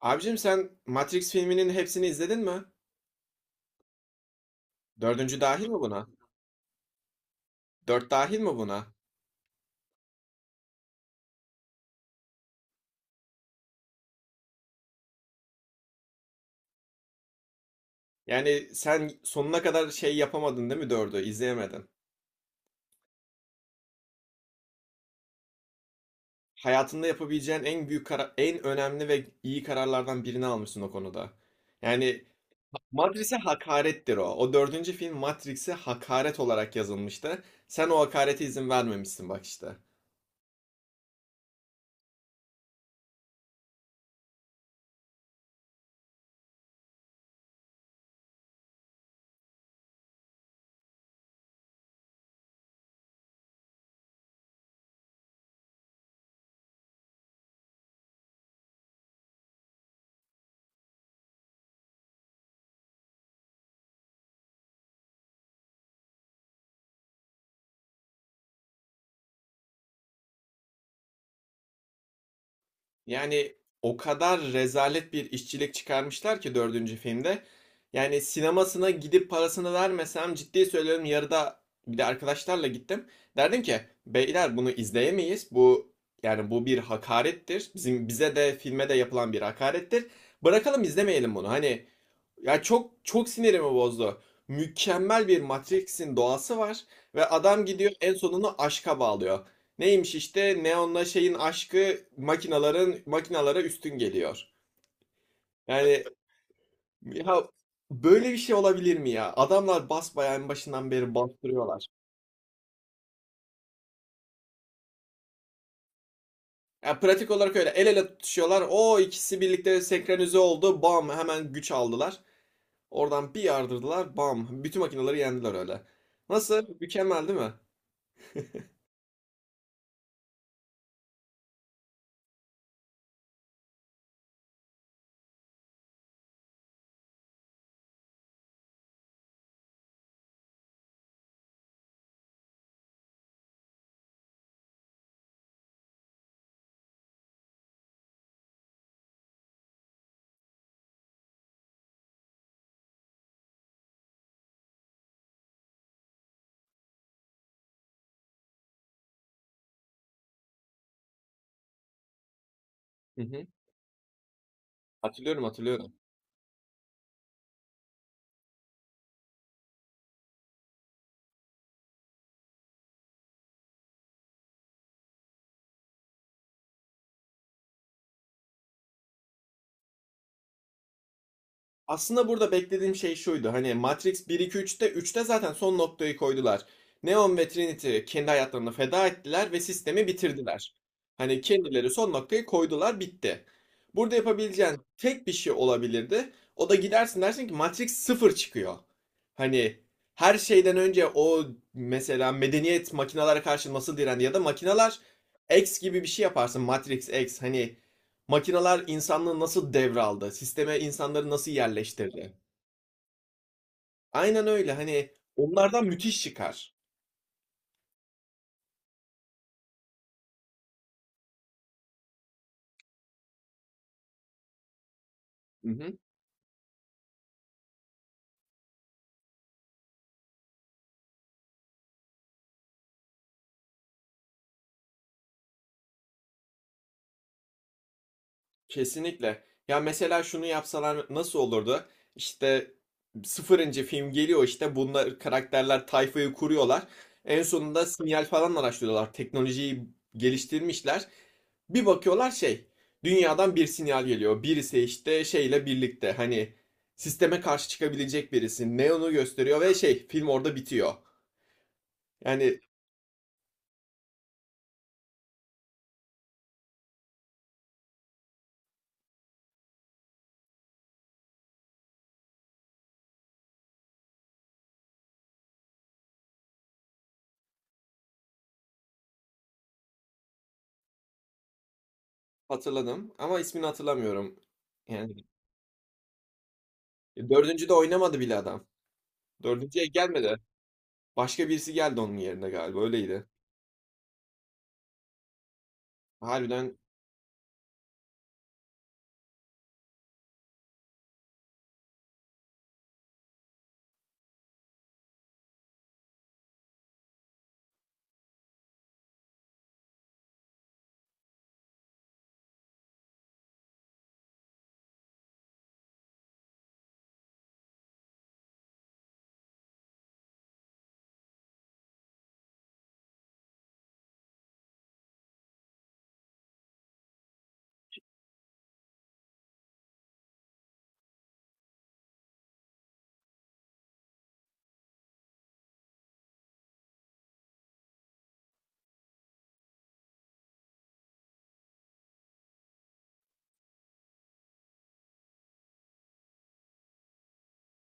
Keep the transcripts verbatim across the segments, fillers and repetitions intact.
Abicim sen Matrix filminin hepsini izledin mi? Dördüncü dahil mi buna? Dört dahil mi buna? Yani sen sonuna kadar şey yapamadın değil mi dördü? İzleyemedin. Hayatında yapabileceğin en büyük kara- en önemli ve iyi kararlardan birini almışsın o konuda. Yani Matrix'e hakarettir o. O dördüncü film Matrix'e hakaret olarak yazılmıştı. Sen o hakarete izin vermemişsin bak işte. Yani o kadar rezalet bir işçilik çıkarmışlar ki dördüncü filmde. Yani sinemasına gidip parasını vermesem ciddi söylüyorum yarıda, bir de arkadaşlarla gittim. Derdim ki beyler bunu izleyemeyiz. Bu, yani bu bir hakarettir. Bizim, bize de filme de yapılan bir hakarettir. Bırakalım izlemeyelim bunu. Hani ya çok çok sinirimi bozdu. Mükemmel bir Matrix'in doğası var ve adam gidiyor en sonunu aşka bağlıyor. Neymiş işte Neon'la şeyin aşkı makinaların makinalara üstün geliyor. Yani ya böyle bir şey olabilir mi ya? Adamlar basbayağı en başından beri bastırıyorlar. Ya pratik olarak öyle el ele tutuşuyorlar. O ikisi birlikte senkronize oldu. Bam hemen güç aldılar. Oradan bir yardırdılar. Bam. Bütün makinaları yendiler öyle. Nasıl? Mükemmel değil mi? Hı hı. Hatırlıyorum, hatırlıyorum. Aslında burada beklediğim şey şuydu. Hani Matrix bir, iki, üçte üçte zaten son noktayı koydular. Neon ve Trinity kendi hayatlarını feda ettiler ve sistemi bitirdiler. Hani kendileri son noktayı koydular, bitti. Burada yapabileceğin tek bir şey olabilirdi. O da gidersin dersin ki Matrix sıfır çıkıyor. Hani her şeyden önce o, mesela medeniyet makinalara karşı nasıl direndi ya da makinalar X gibi bir şey yaparsın. Matrix X, hani makineler insanlığı nasıl devraldı? Sisteme insanları nasıl yerleştirdi? Aynen öyle. Hani onlardan müthiş çıkar. Hı hı. Kesinlikle. Ya mesela şunu yapsalar nasıl olurdu? İşte sıfırıncı film geliyor, işte bunlar karakterler tayfayı kuruyorlar. En sonunda sinyal falan araştırıyorlar. Teknolojiyi geliştirmişler. Bir bakıyorlar şey dünyadan bir sinyal geliyor. Birisi işte şeyle birlikte hani sisteme karşı çıkabilecek birisi. Neon'u gösteriyor ve şey film orada bitiyor. Yani hatırladım ama ismini hatırlamıyorum. Yani dördüncü de oynamadı bile adam. Dördüncüye gelmedi. Başka birisi geldi onun yerine galiba. Öyleydi. Harbiden.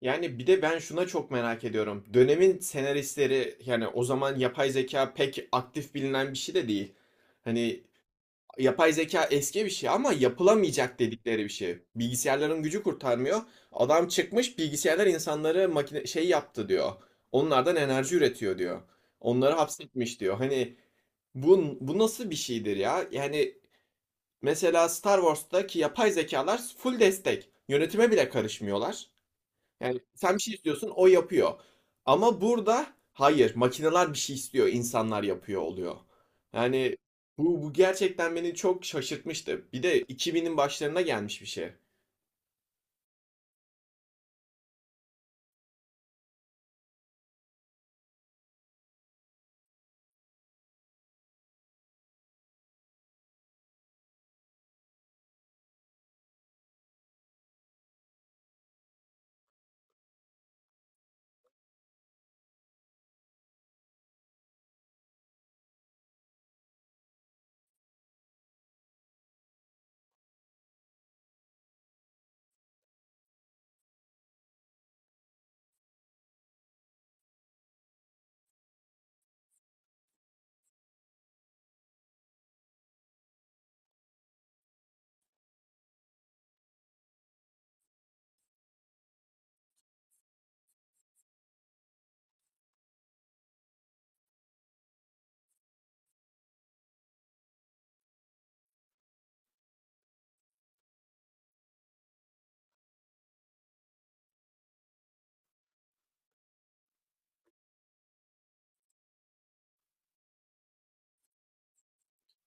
Yani bir de ben şuna çok merak ediyorum. Dönemin senaristleri, yani o zaman yapay zeka pek aktif bilinen bir şey de değil. Hani yapay zeka eski bir şey ama yapılamayacak dedikleri bir şey. Bilgisayarların gücü kurtarmıyor. Adam çıkmış bilgisayarlar insanları makine şey yaptı diyor. Onlardan enerji üretiyor diyor. Onları hapsetmiş diyor. Hani bu, bu nasıl bir şeydir ya? Yani mesela Star Wars'taki yapay zekalar full destek. Yönetime bile karışmıyorlar. Yani sen bir şey istiyorsun, o yapıyor. Ama burada hayır, makineler bir şey istiyor, insanlar yapıyor oluyor. Yani bu, bu gerçekten beni çok şaşırtmıştı. Bir de iki binin başlarına gelmiş bir şey.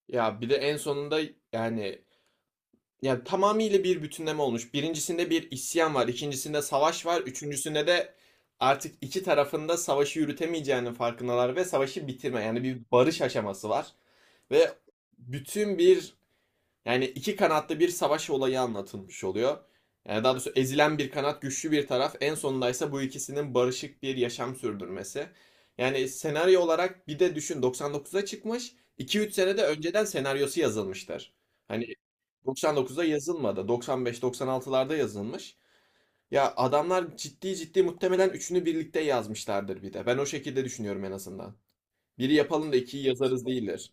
Ya bir de en sonunda yani, yani tamamıyla bir bütünleme olmuş. Birincisinde bir isyan var, ikincisinde savaş var, üçüncüsünde de artık iki tarafında savaşı yürütemeyeceğinin farkındalar ve savaşı bitirme, yani bir barış aşaması var. Ve bütün bir, yani iki kanatlı bir savaş olayı anlatılmış oluyor. Yani daha doğrusu ezilen bir kanat, güçlü bir taraf. En sonunda ise bu ikisinin barışık bir yaşam sürdürmesi. Yani senaryo olarak bir de düşün doksan dokuza çıkmış. iki üç sene de önceden senaryosu yazılmıştır. Hani doksan dokuzda yazılmadı. doksan beş doksan altılarda yazılmış. Ya adamlar ciddi ciddi muhtemelen üçünü birlikte yazmışlardır bir de. Ben o şekilde düşünüyorum en azından. Biri yapalım da ikiyi yazarız değiller.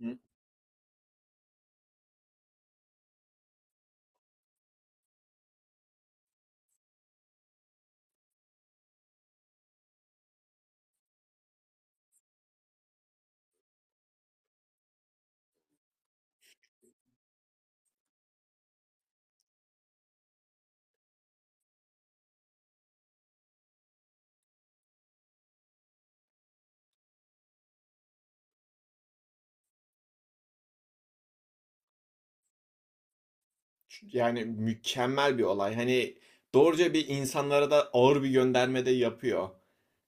Hı? Yani mükemmel bir olay. Hani doğruca bir insanlara da ağır bir gönderme de yapıyor.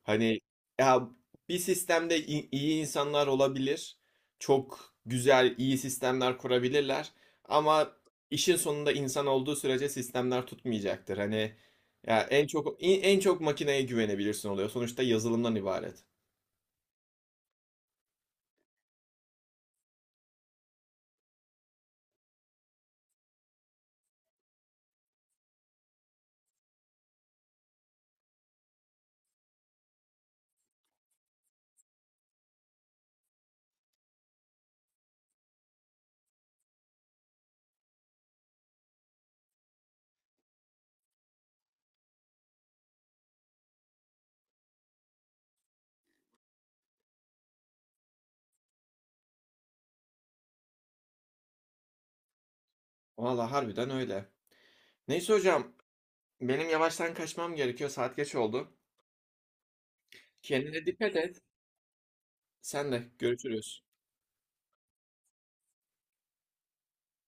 Hani ya bir sistemde i- iyi insanlar olabilir. Çok güzel, iyi sistemler kurabilirler. Ama işin sonunda insan olduğu sürece sistemler tutmayacaktır. Hani ya en çok, en en çok makineye güvenebilirsin oluyor. Sonuçta yazılımdan ibaret. Valla harbiden öyle. Neyse hocam, benim yavaştan kaçmam gerekiyor. Saat geç oldu. Kendine dikkat et. Sen de görüşürüz.